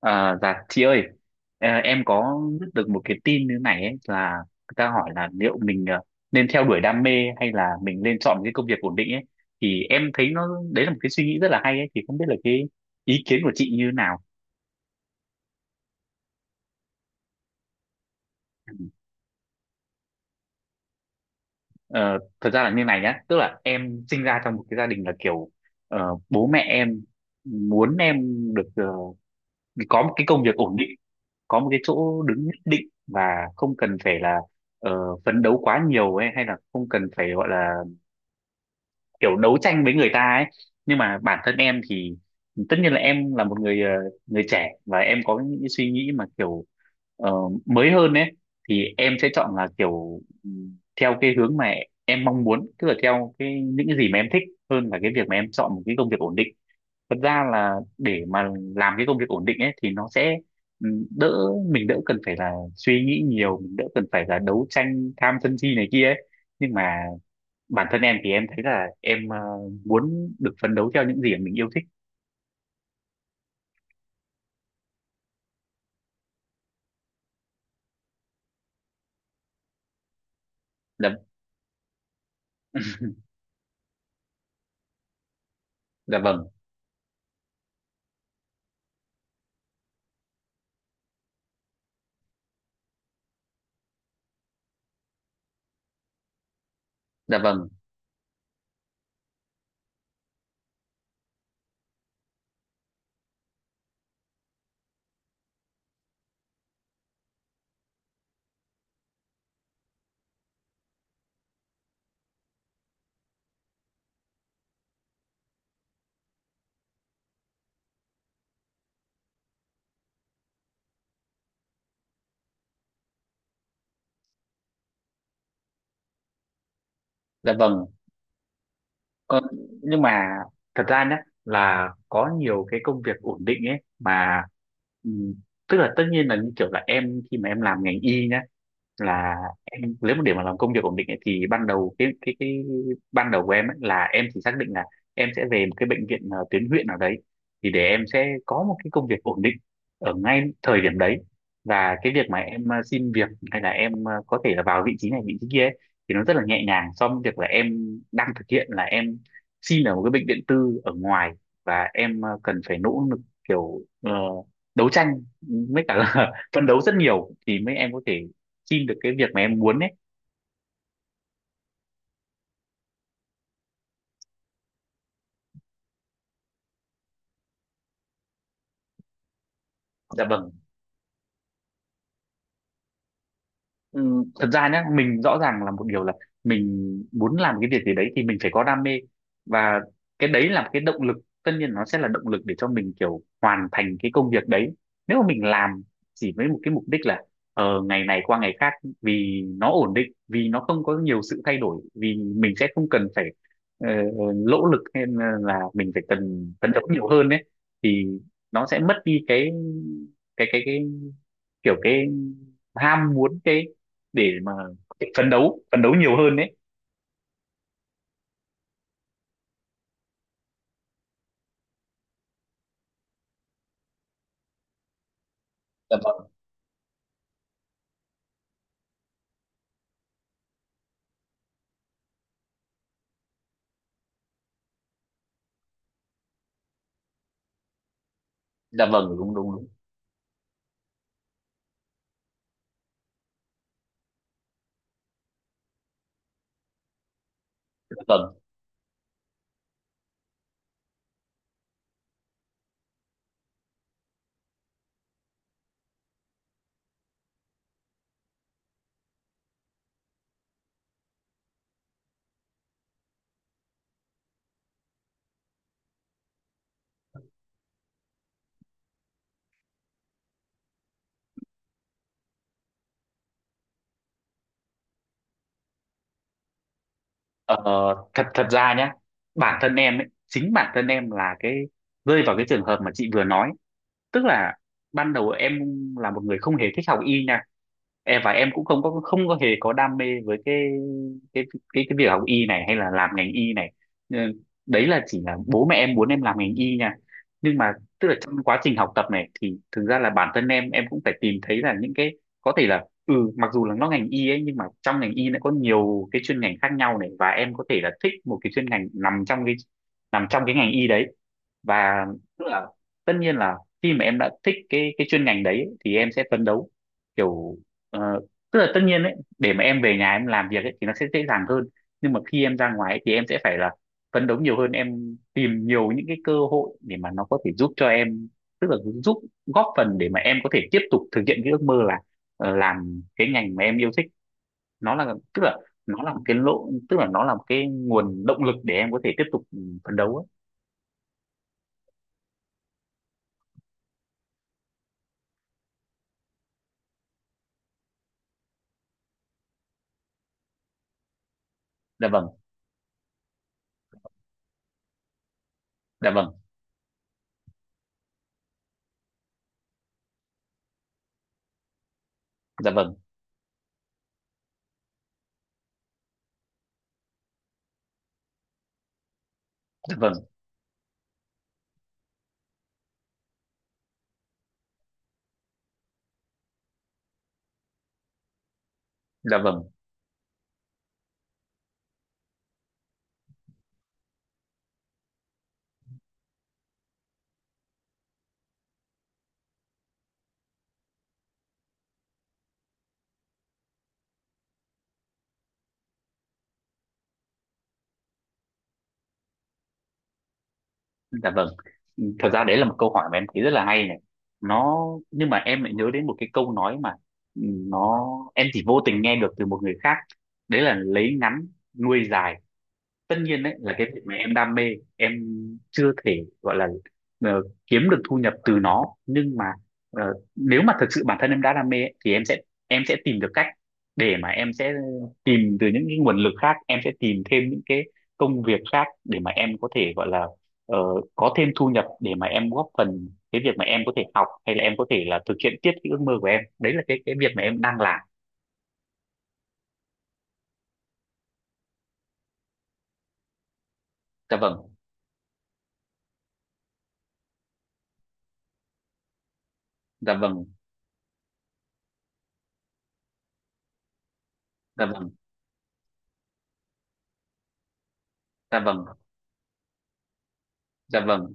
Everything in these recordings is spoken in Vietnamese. À, dạ chị ơi à, em có biết được một cái tin như này ấy, là người ta hỏi là liệu mình nên theo đuổi đam mê hay là mình nên chọn cái công việc ổn định ấy thì em thấy nó đấy là một cái suy nghĩ rất là hay ấy, thì không biết là cái ý kiến của chị như thế nào. Ờ, thật ra là như này nhá, tức là em sinh ra trong một cái gia đình là kiểu bố mẹ em muốn em được có một cái công việc ổn định, có một cái chỗ đứng nhất định và không cần phải là ờ, phấn đấu quá nhiều ấy, hay là không cần phải gọi là kiểu đấu tranh với người ta ấy. Nhưng mà bản thân em thì tất nhiên là em là một người người trẻ, và em có những cái suy nghĩ mà kiểu ờ, mới hơn ấy, thì em sẽ chọn là kiểu theo cái hướng mà em mong muốn, tức là theo cái những cái gì mà em thích hơn là cái việc mà em chọn một cái công việc ổn định. Thật ra là để mà làm cái công việc ổn định ấy thì nó sẽ đỡ, mình đỡ cần phải là suy nghĩ nhiều, mình đỡ cần phải là đấu tranh tham sân si này kia ấy. Nhưng mà bản thân em thì em thấy là em muốn được phấn đấu theo những gì mà mình yêu thích. Dạ. Dạ vâng. Dạ vâng. Dạ vâng. Còn nhưng mà thật ra nhé, là có nhiều cái công việc ổn định ấy mà, ừm, tức là tất nhiên là như kiểu là em khi mà em làm ngành y nhá, là em nếu mà để mà làm công việc ổn định ấy, thì ban đầu cái ban đầu của em ấy, là em chỉ xác định là em sẽ về một cái bệnh viện tuyến huyện nào đấy thì để em sẽ có một cái công việc ổn định ở ngay thời điểm đấy. Và cái việc mà em xin việc hay là em có thể là vào vị trí này vị trí kia ấy, thì nó rất là nhẹ nhàng so với việc là em đang thực hiện là em xin ở một cái bệnh viện tư ở ngoài, và em cần phải nỗ lực kiểu đấu tranh, với cả là phấn đấu rất nhiều thì mới em có thể xin được cái việc mà em muốn ấy. Dạ vâng. Ừ, thật ra nhá, mình rõ ràng là một điều là mình muốn làm cái việc gì đấy thì mình phải có đam mê, và cái đấy là cái động lực, tất nhiên nó sẽ là động lực để cho mình kiểu hoàn thành cái công việc đấy. Nếu mà mình làm chỉ với một cái mục đích là ngày này qua ngày khác, vì nó ổn định, vì nó không có nhiều sự thay đổi, vì mình sẽ không cần phải ờ, lỗ lực hay là mình phải cần phấn đấu nhiều hơn ấy, thì nó sẽ mất đi cái cái cái cái kiểu cái ham muốn, cái để mà phấn đấu nhiều hơn đấy. Dạ vâng. Dạ vâng đúng đúng đúng. Dạ vâng. Ờ, thật thật ra nhá, bản thân em ấy, chính bản thân em là cái rơi vào cái trường hợp mà chị vừa nói, tức là ban đầu em là một người không hề thích học y nha, em và em cũng không có hề có đam mê với cái cái cái việc học y này hay là làm ngành y này. Ừ, đấy là chỉ là bố mẹ em muốn em làm ngành y nha, nhưng mà tức là trong quá trình học tập này thì thực ra là bản thân em cũng phải tìm thấy là những cái có thể là ừ, mặc dù là nó ngành y ấy nhưng mà trong ngành y nó có nhiều cái chuyên ngành khác nhau này, và em có thể là thích một cái chuyên ngành nằm trong cái ngành y đấy. Và tức là tất nhiên là khi mà em đã thích cái chuyên ngành đấy ấy, thì em sẽ phấn đấu kiểu ờ, tức là tất nhiên ấy để mà em về nhà em làm việc ấy thì nó sẽ dễ dàng hơn. Nhưng mà khi em ra ngoài ấy, thì em sẽ phải là phấn đấu nhiều hơn, em tìm nhiều những cái cơ hội để mà nó có thể giúp cho em, tức là giúp góp phần để mà em có thể tiếp tục thực hiện cái ước mơ là làm cái ngành mà em yêu thích. Nó là tức là nó là một cái lộ, tức là nó là một cái nguồn động lực để em có thể tiếp tục phấn đấu ấy. Dạ vâng. Dạ vâng. Dạ vâng. Vâng. Dạ vâng. Dạ vâng. Thật ra đấy là một câu hỏi mà em thấy rất là hay này, nó nhưng mà em lại nhớ đến một cái câu nói mà, ừ, nó em chỉ vô tình nghe được từ một người khác, đấy là lấy ngắn nuôi dài. Tất nhiên đấy là cái việc mà em đam mê, em chưa thể gọi là kiếm được thu nhập từ nó, nhưng mà nếu mà thực sự bản thân em đã đam mê ấy, thì em sẽ tìm được cách để mà em sẽ tìm từ những cái nguồn lực khác, em sẽ tìm thêm những cái công việc khác để mà em có thể gọi là ờ, có thêm thu nhập, để mà em góp phần cái việc mà em có thể học hay là em có thể là thực hiện tiếp cái ước mơ của em, đấy là cái việc mà em đang làm. Dạ vâng. Dạ vâng. Dạ vâng. Dạ vâng. Dạ vâng.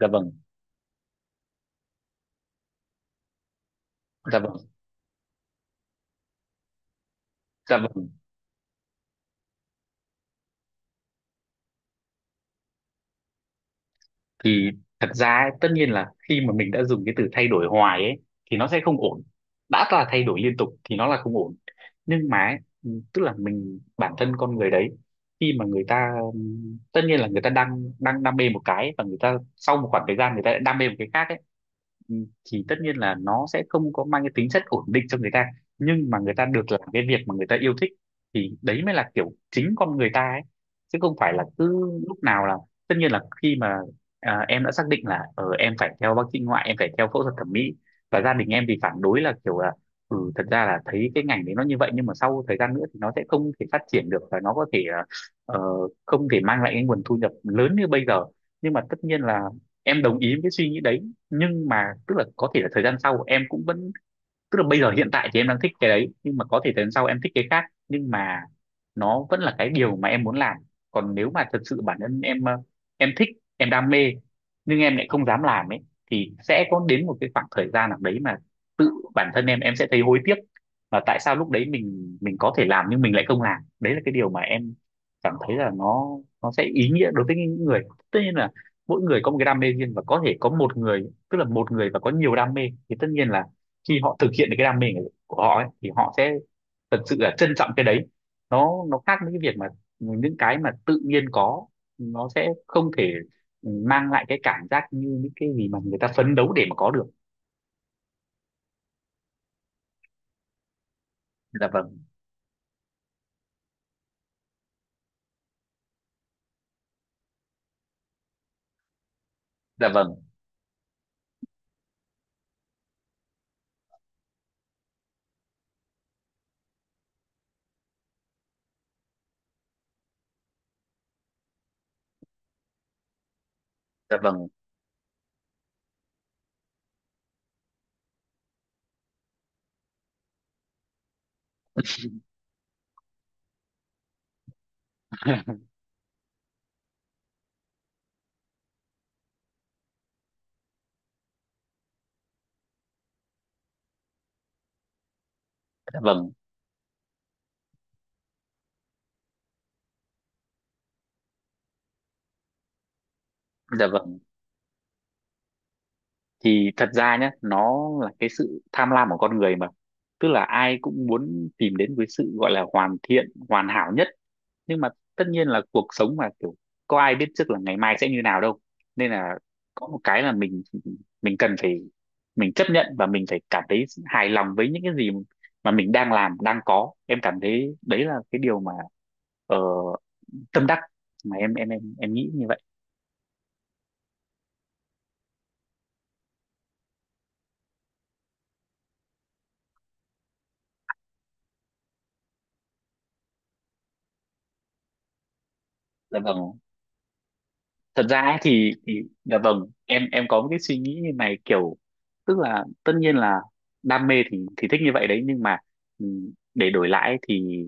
Dạ vâng. Dạ vâng. Dạ vâng, thì thật ra ấy, tất nhiên là khi mà mình đã dùng cái từ thay đổi hoài ấy thì nó sẽ không ổn. Đã là thay đổi liên tục thì nó là không ổn. Nhưng mà ấy, tức là mình bản thân con người đấy, khi mà người ta tất nhiên là người ta đang đang đam mê một cái và người ta sau một khoảng thời gian người ta lại đam mê một cái khác ấy, ừ, thì tất nhiên là nó sẽ không có mang cái tính chất ổn định cho người ta, nhưng mà người ta được làm cái việc mà người ta yêu thích thì đấy mới là kiểu chính con người ta ấy, chứ không phải là cứ lúc nào là tất nhiên là khi mà em đã xác định là em phải theo bác sĩ ngoại, em phải theo phẫu thuật thẩm mỹ, và gia đình em thì phản đối là kiểu là ừ, thật ra là thấy cái ngành đấy nó như vậy nhưng mà sau thời gian nữa thì nó sẽ không thể phát triển được và nó có thể ờ, không thể mang lại cái nguồn thu nhập lớn như bây giờ. Nhưng mà tất nhiên là em đồng ý với cái suy nghĩ đấy, nhưng mà tức là có thể là thời gian sau em cũng vẫn, tức là bây giờ hiện tại thì em đang thích cái đấy nhưng mà có thể đến sau em thích cái khác, nhưng mà nó vẫn là cái điều mà em muốn làm. Còn nếu mà thật sự bản thân em em thích, em đam mê nhưng em lại không dám làm ấy, thì sẽ có đến một cái khoảng thời gian nào đấy mà tự bản thân em sẽ thấy hối tiếc, và tại sao lúc đấy mình có thể làm nhưng mình lại không làm, đấy là cái điều mà em cảm thấy là nó sẽ ý nghĩa đối với những người. Tất nhiên là mỗi người có một cái đam mê riêng, và có thể có một người tức là một người và có nhiều đam mê thì tất nhiên là khi họ thực hiện được cái đam mê của họ ấy, thì họ sẽ thật sự là trân trọng cái đấy. Nó khác với cái việc mà những cái mà tự nhiên có, nó sẽ không thể mang lại cái cảm giác như những cái gì mà người ta phấn đấu để mà có được. Dạ vâng. Dạ vâng. Dạ vâng. Dạ vâng. Dạ vâng thì thật ra nhé, nó là cái sự tham lam của con người mà, tức là ai cũng muốn tìm đến cái sự gọi là hoàn thiện hoàn hảo nhất, nhưng mà tất nhiên là cuộc sống mà kiểu có ai biết trước là ngày mai sẽ như nào đâu, nên là có một cái là mình cần phải, mình chấp nhận và mình phải cảm thấy hài lòng với những cái gì mà mình đang làm đang có, em cảm thấy đấy là cái điều mà ờ, tâm đắc, mà em nghĩ như vậy. Dạ vâng, thật ra ấy thì dạ vâng, em có một cái suy nghĩ như này kiểu tức là tất nhiên là đam mê thì thích như vậy đấy, nhưng mà để đổi lại ấy thì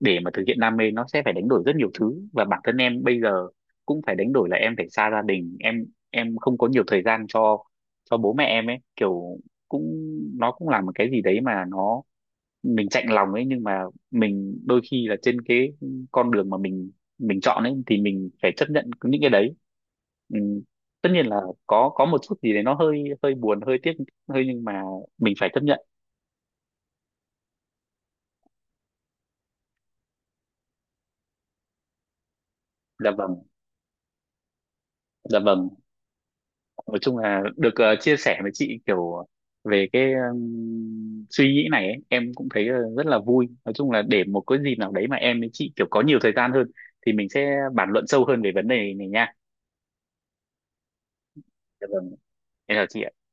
để mà thực hiện đam mê nó sẽ phải đánh đổi rất nhiều thứ, và bản thân em bây giờ cũng phải đánh đổi là em phải xa gia đình em không có nhiều thời gian cho bố mẹ em ấy, kiểu cũng, nó cũng là một cái gì đấy mà nó mình chạnh lòng ấy, nhưng mà mình đôi khi là trên cái con đường mà mình chọn ấy thì mình phải chấp nhận những cái đấy. Ừ. Tất nhiên là có một chút gì đấy nó hơi hơi buồn hơi tiếc hơi, nhưng mà mình phải chấp nhận. Dạ vâng. Dạ vâng. Nói chung là được chia sẻ với chị kiểu về cái suy nghĩ này ấy, em cũng thấy rất là vui, nói chung là để một cái dịp nào đấy mà em với chị kiểu có nhiều thời gian hơn thì mình sẽ bàn luận sâu hơn về vấn đề này nha. Dạ vâng. Em chào chị ạ.